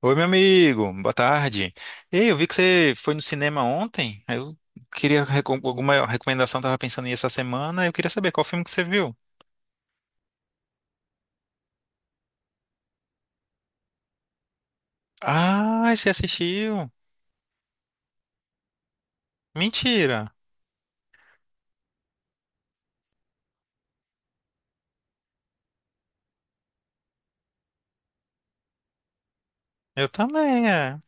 Oi, meu amigo, boa tarde. Ei, eu vi que você foi no cinema ontem. Aí Eu queria alguma recomendação, tava pensando em ir essa semana. Eu queria saber qual filme que você viu. Ah, você assistiu? Mentira. Eu também, é.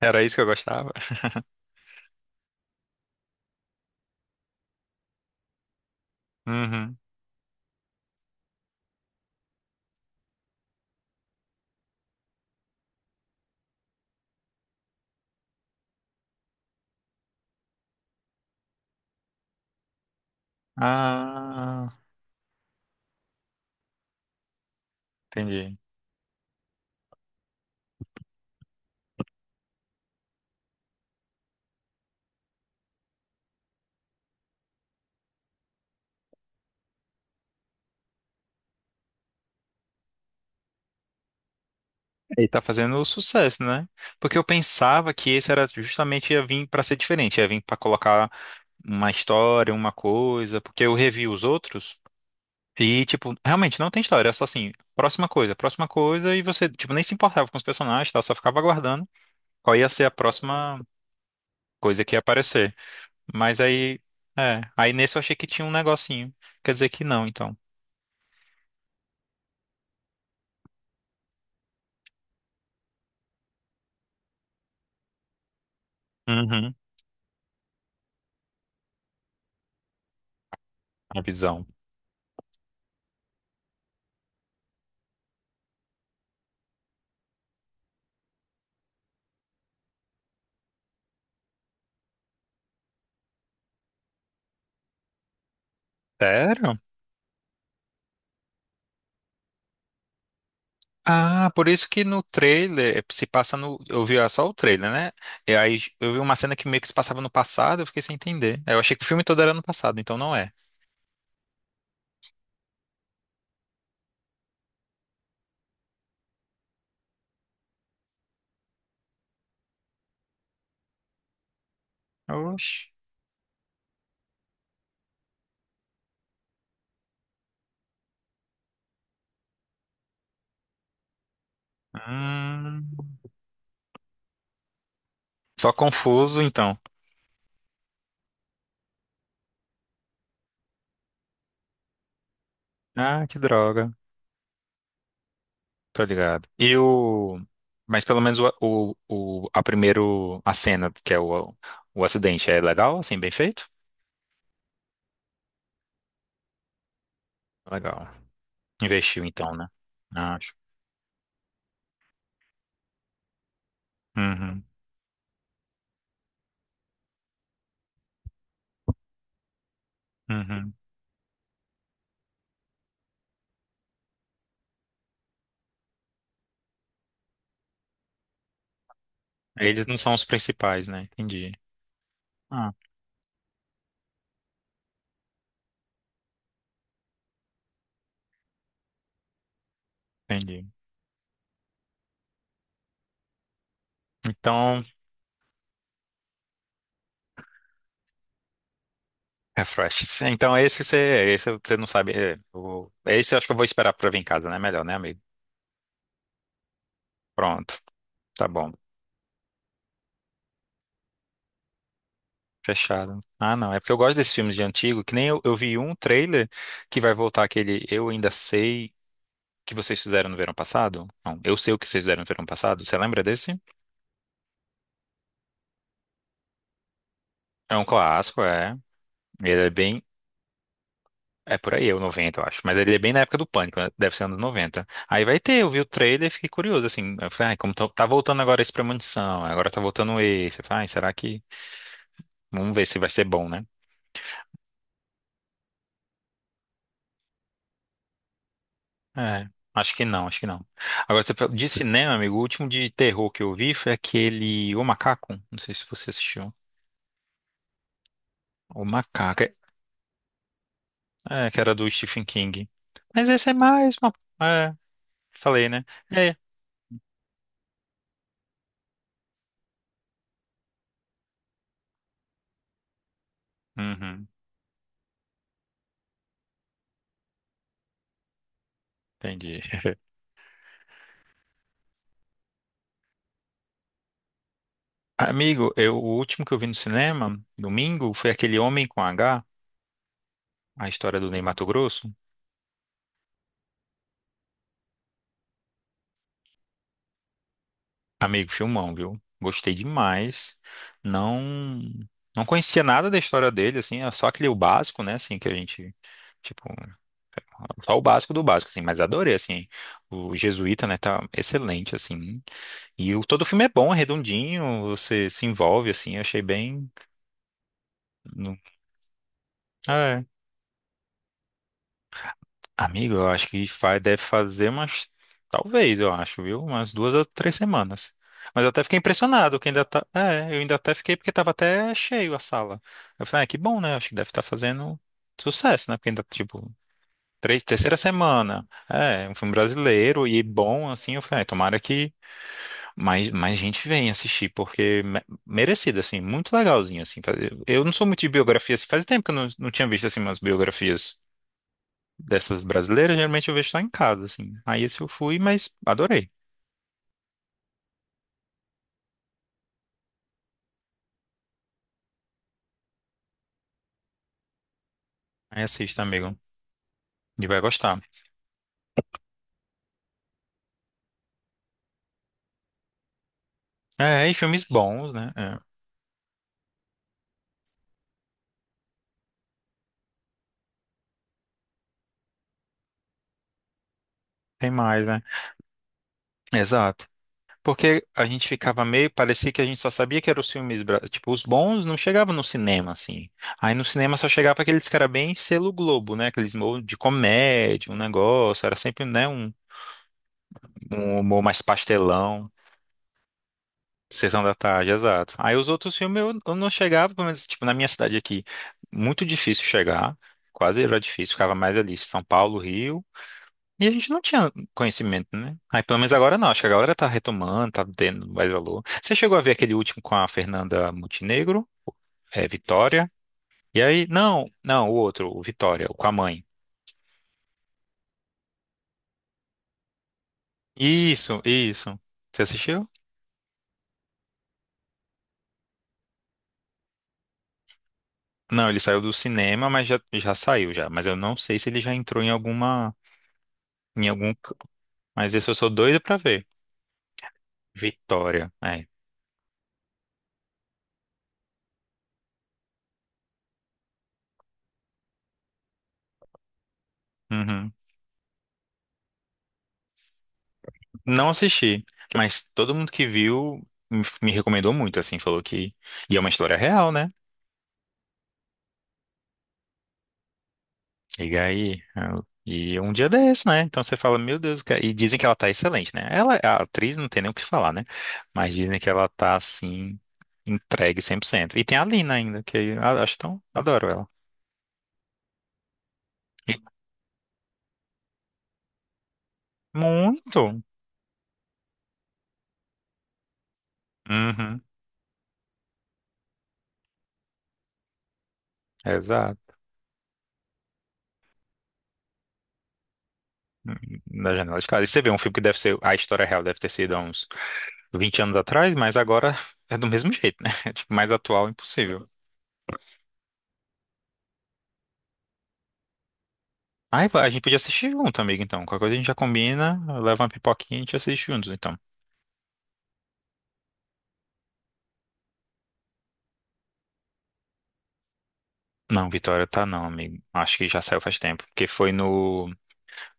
Era isso que eu gostava. Uhum. Ah, entendi. E tá fazendo sucesso, né? Porque eu pensava que esse era justamente ia vir pra ser diferente, ia vir pra colocar uma história, uma coisa, porque eu revi os outros. E, tipo, realmente não tem história, é só assim, próxima coisa, e você, tipo, nem se importava com os personagens, tá? Só ficava aguardando qual ia ser a próxima coisa que ia aparecer. Mas aí, é, aí nesse eu achei que tinha um negocinho. Quer dizer que não, então. Uhum, a visão. Sério? Ah, por isso que no trailer, se passa no. Eu vi ah, só o trailer, né? E aí eu vi uma cena que meio que se passava no passado, eu fiquei sem entender. Eu achei que o filme todo era no passado, então não é. Oxi. Hum, só confuso, então. Ah, que droga. Tô ligado. E o... Mas pelo menos a primeiro, a cena, que é o acidente, é legal, assim, bem feito? Legal. Investiu então, né? Ah, acho. Uhum, uhum. Eles não são os principais, né? Entendi. Ah, entendi. Então, refresh. Então esse você não sabe. É, esse eu acho que eu vou esperar pra vir em casa, né? Melhor, né, amigo? Pronto. Tá bom. Fechado. Ah, não. É porque eu gosto desses filmes de antigo, que nem eu, eu vi um trailer que vai voltar aquele Eu Ainda Sei que vocês fizeram no verão passado. Não, Eu Sei o que vocês fizeram no verão passado. Você lembra desse? É um clássico, é. Ele é bem. É por aí, é o 90 eu acho. Mas ele é bem na época do Pânico, né? Deve ser anos noventa. Aí vai ter, eu vi o trailer e fiquei curioso, assim. Eu falei, ai, como tá, tá voltando agora esse Premonição, agora tá voltando esse. Eu falei, ai, será que. Vamos ver se vai ser bom, né? É, acho que não, acho que não. Agora, você de cinema, amigo, o último de terror que eu vi foi aquele O Macaco. Não sei se você assistiu. O Macaco. É, que era do Stephen King. Mas esse é mais uma. É, falei, né? É. Uhum, entendi. Amigo, eu, o último que eu vi no cinema, domingo, foi aquele Homem com H, a história do Ney Matogrosso. Amigo, filmão, viu? Gostei demais. Não. Não conhecia nada da história dele, assim, é só aquele o básico, né, assim, que a gente, tipo, só o básico do básico, assim, mas adorei, assim, o Jesuíta, né, tá excelente, assim, e o, todo o filme é bom, é redondinho, você se envolve, assim, eu achei bem, no- é, amigo, eu acho que vai, deve fazer umas, talvez, eu acho, viu, umas duas a três semanas, mas eu até fiquei impressionado, que ainda tá, é, eu ainda até fiquei, porque tava até cheio a sala, eu falei, ah, que bom, né, acho que deve estar fazendo sucesso, né, porque ainda, tipo, três, terceira semana, é, um filme brasileiro e bom, assim, eu falei, ah, tomara que mais, mais gente vem assistir, porque merecido, assim, muito legalzinho, assim. Eu não sou muito de biografia, assim, faz tempo que eu não, não tinha visto, assim, umas biografias dessas brasileiras, geralmente eu vejo só em casa, assim. Aí esse eu fui, mas adorei. Aí assista, amigo, e vai gostar. É, e filmes bons, né? É, tem mais, né? Exato. Porque a gente ficava meio, parecia que a gente só sabia que eram os filmes, tipo, os bons não chegavam no cinema, assim. Aí no cinema só chegava aqueles que era bem selo Globo, né? Aqueles humor de comédia, um negócio, era sempre, né, um humor mais pastelão, sessão da tarde, exato. Aí os outros filmes eu não chegava, pelo menos, tipo, na minha cidade aqui, muito difícil chegar, quase era difícil, ficava mais ali, São Paulo, Rio. E a gente não tinha conhecimento, né? Aí pelo menos agora não, acho que a galera tá retomando, tá tendo mais valor. Você chegou a ver aquele último com a Fernanda Montenegro, é, Vitória? E aí, não, não, o outro, o Vitória, o com a mãe. Isso, isso. Você assistiu? Não, ele saiu do cinema, mas já, já saiu já. Mas eu não sei se ele já entrou em alguma, em algum. Mas esse eu sou doido pra ver. Vitória, é. Uhum. Não assisti, mas todo mundo que viu me recomendou muito, assim, falou que. E é uma história real, né? E aí, eu- e um dia desse, né? Então você fala, meu Deus, cara. E dizem que ela tá excelente, né? Ela, a atriz não tem nem o que falar, né? Mas dizem que ela tá assim, entregue 100%. E tem a Lina ainda, que eu acho tão. Adoro ela. E muito! Uhum, exato. Na janela de casa. E você vê um filme que deve ser. A história real deve ter sido há uns 20 anos atrás, mas agora é do mesmo jeito, né? Tipo, mais atual, impossível. Ai, a gente podia assistir junto, amigo, então. Qualquer coisa a gente já combina, leva uma pipoquinha e a gente assiste juntos, então. Não, Vitória tá não, amigo. Acho que já saiu faz tempo. Porque foi no.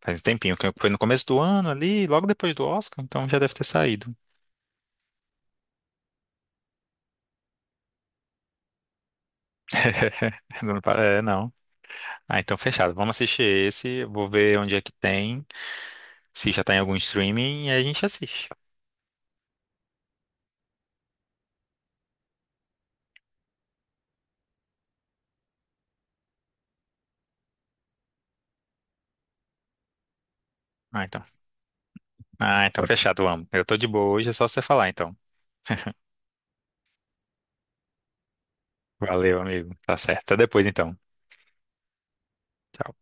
Faz um tempinho, que foi no começo do ano ali, logo depois do Oscar, então já deve ter saído. Não, pa- é, não. Ah, então fechado. Vamos assistir esse, vou ver onde é que tem, se já tá em algum streaming, e aí a gente assiste. Ah, então. Ah, então fechado, vamos. Eu tô de boa hoje, é só você falar, então. Valeu, amigo. Tá certo. Até depois, então. Tchau.